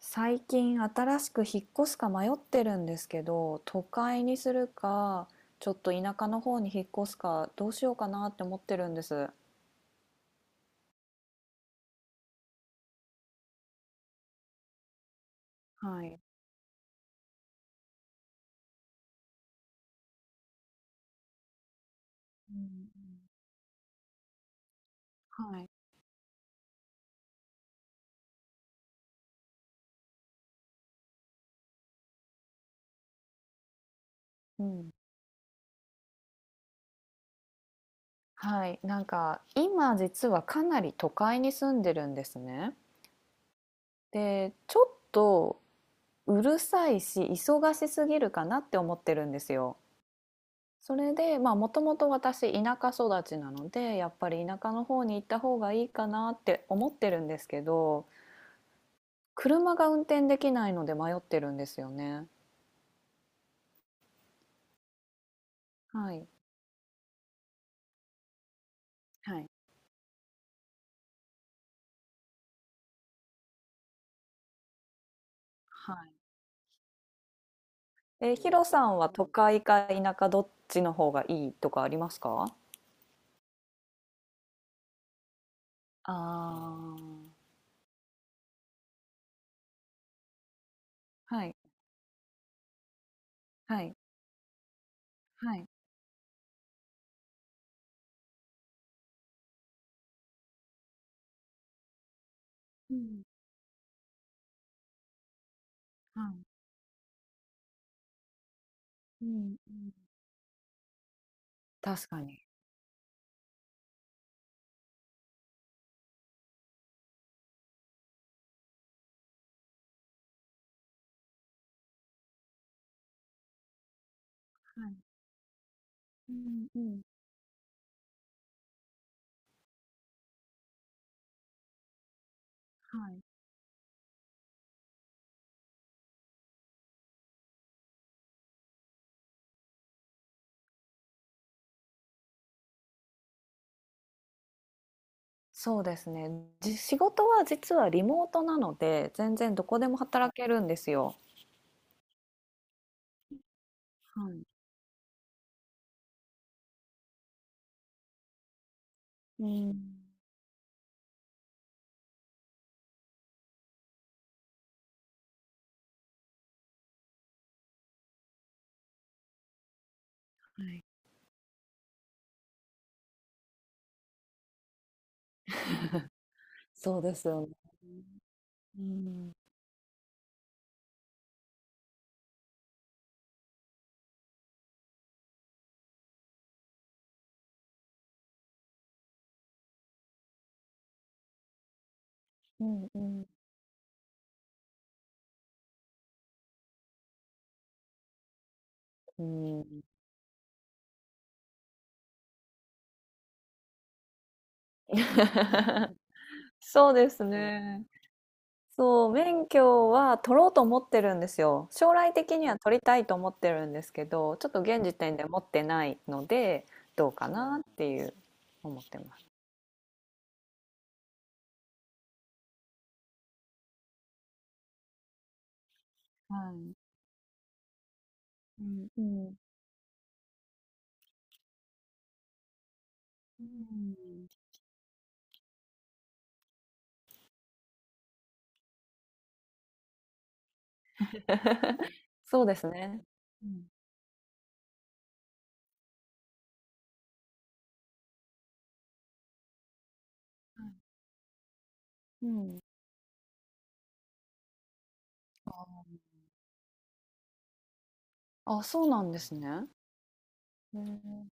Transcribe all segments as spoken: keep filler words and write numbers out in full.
最近新しく引っ越すか迷ってるんですけど、都会にするか、ちょっと田舎の方に引っ越すか、どうしようかなって思ってるんです。はい。うんうん、はい。うん。はい。なんか、今実はかなり都会に住んでるんですね。で、ちょっとうるさいし、忙しすぎるかなって思ってるんですよ。それで、まあ、もともと私、田舎育ちなので、やっぱり田舎の方に行った方がいいかなって思ってるんですけど、車が運転できないので迷ってるんですよね。はい。はい。はい。え、ヒロさんは都会か田舎どっちの方がいいとかありますか？ああ、はい、はい、はい。うん、はい。うん、うん。確かに。はい。うん、うん。はい。そうですね。じ仕事は実はリモートなので、全然どこでも働けるんですよ。はい。うん、はい。そうですよね。うん、うん、うん。うん。そうですね。そう、免許は取ろうと思ってるんですよ。将来的には取りたいと思ってるんですけど、ちょっと現時点で持ってないので、どうかなっていう思ってます。はい。うん。うん、うん。そうですね。うん。あ、そうなんですね。うん。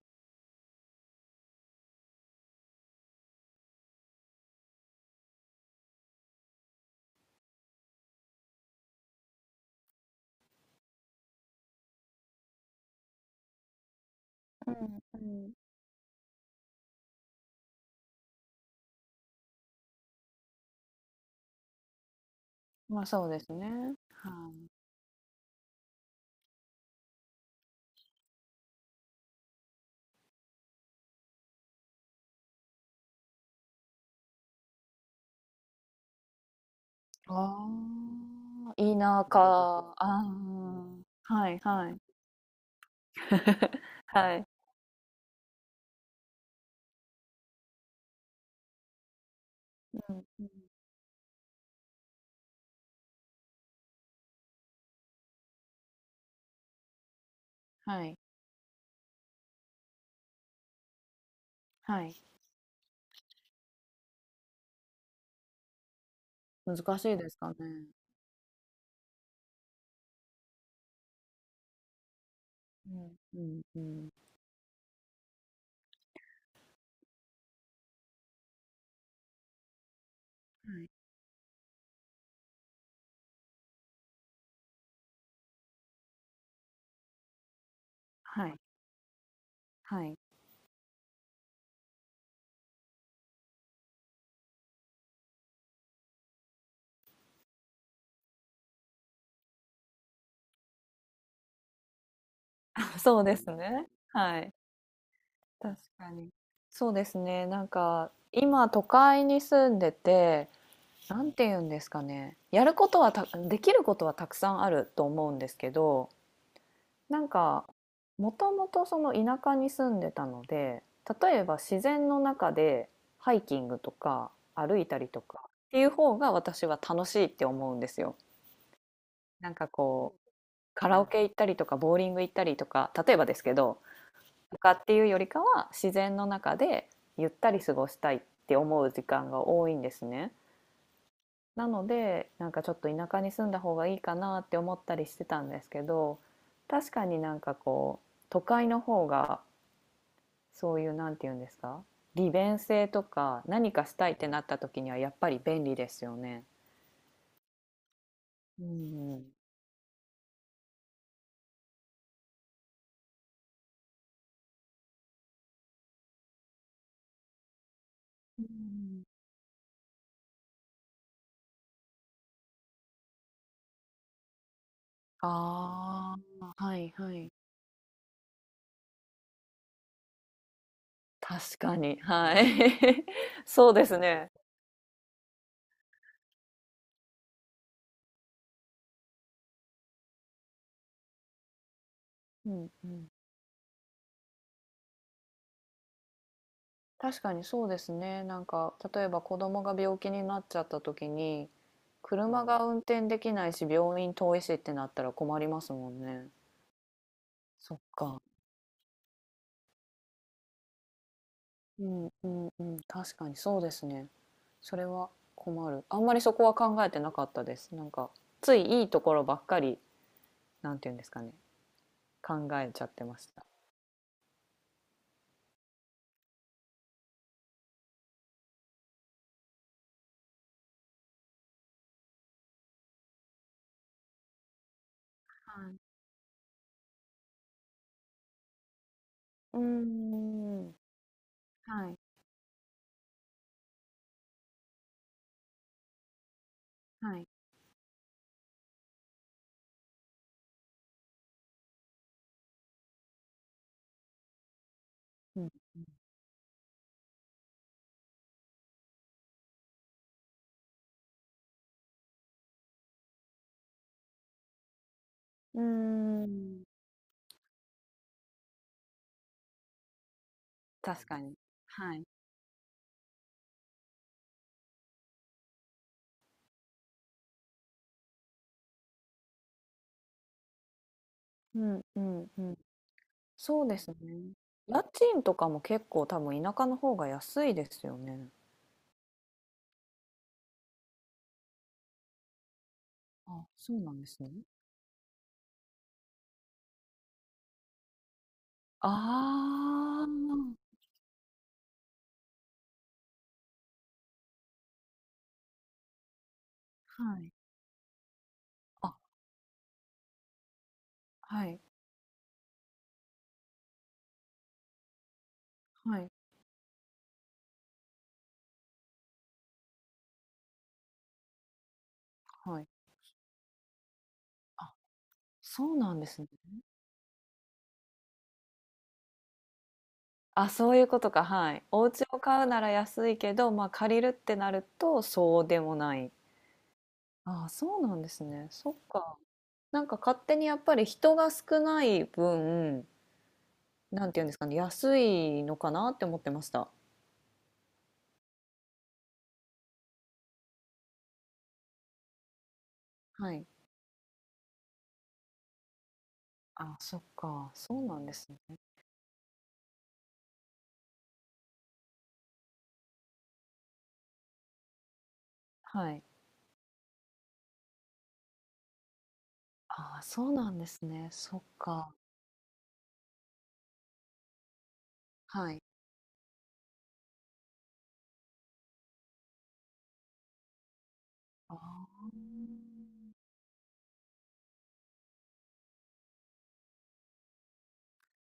うん。うん。まあ、そうですね。はい。ああ、田舎、ああ、はいはい。はい。うん。はい、はい。難しいですかね。うん。うん、うん。はい、はい、はい。そうですね。はい。確かに。そうですね、なんか、今都会に住んでて、なんて言うんですかね、やることはたできることはたくさんあると思うんですけど、なんか、もともとその田舎に住んでたので、例えば自然の中でハイキングとか歩いたりとかっていう方が私は楽しいって思うんですよ。なんかこう、カラオケ行ったりとか、ボーリング行ったりとか、例えばですけど、とかっていうよりかは、自然の中でゆったり過ごしたいって思う時間が多いんですね。なので、なんかちょっと田舎に住んだ方がいいかなって思ったりしてたんですけど、確かになんかこう、都会の方が、そういう、なんて言うんですか、利便性とか、何かしたいってなった時にはやっぱり便利ですよね。うんうん。うん。ああ、はいはい。確かに、はい。そうですね。うんうん。確かにそうですね。なんか、例えば子供が病気になっちゃった時に、車が運転できないし、病院遠いしってなったら困りますもんね。そっか。うんうんうん。確かにそうですね。それは困る。あんまりそこは考えてなかったです。なんか、ついいいところばっかり、なんていうんですかね。考えちゃってました。はい。うーん。はい。はい。うん。うーん。確かに。はい。うんうんうん。そうですね。家賃とかも結構多分田舎の方が安いですよね。あ、そうなんですね。ああはい。あ。はいはいはい。あ、そうなんですね。あ、そういうことか、はい。お家を買うなら安いけど、まあ、借りるってなるとそうでもない。ああ、そうなんですね。そっか。なんか勝手にやっぱり人が少ない分なんていうんですかね、安いのかなって思ってました。はい。あ、そっか、そうなんですね。はい。あそうなんですね。そっか。はい。あー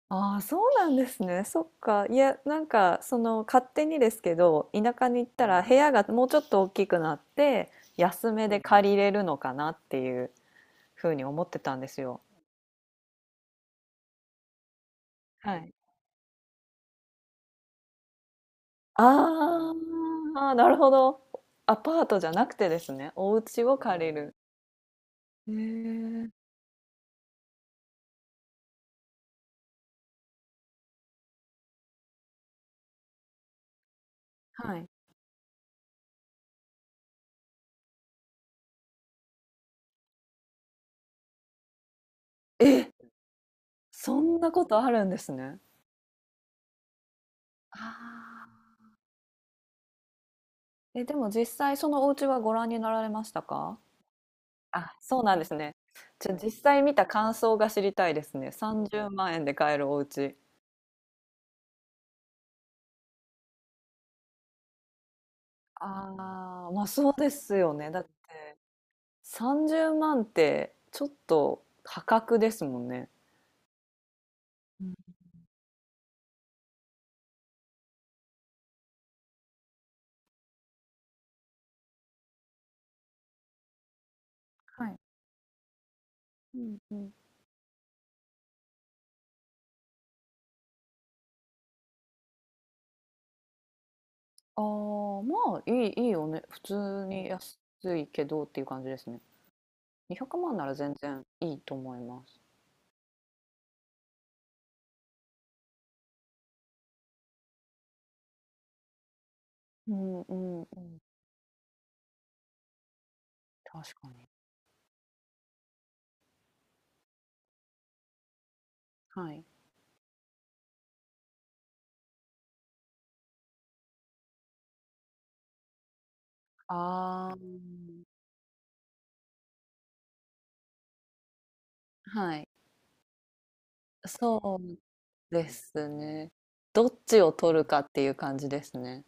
あーそうなんですね。そっか。いや、なんか、その、勝手にですけど、田舎に行ったら部屋がもうちょっと大きくなって、安めで借りれるのかなっていうふうに思ってたんですよ。はい。あーあー、なるほど。アパートじゃなくてですね、お家を借りる。へえ。はい。え、そんなことあるんですね。ああ。え、でも実際そのお家はご覧になられましたか？あ、そうなんですね。じゃ、実際見た感想が知りたいですね。さんじゅうまん円で買えるお家。ああ、ま、そうですよね。だってさんじゅうまんってちょっと破格ですもんね。うん、はい。うんうん。ああ、まあ、いいいいよね。普通に安いけどっていう感じですね。にひゃくまんなら全然いいと思います。うんうんうん、確かに。はい。ああ、はい。そうですね。どっちを取るかっていう感じですね。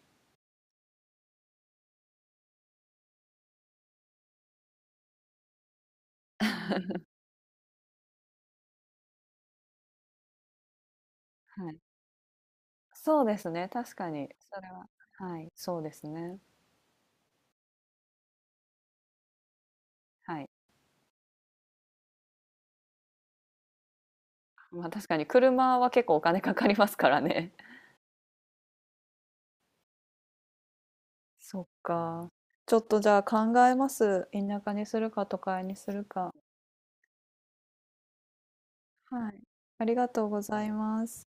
はい。そうですね、確かに、それは、はい、そうですね。はい。まあ、確かに車は結構お金かかりますからね。そっか。ちょっとじゃあ考えます。田舎にするか都会にするか。はい。ありがとうございます。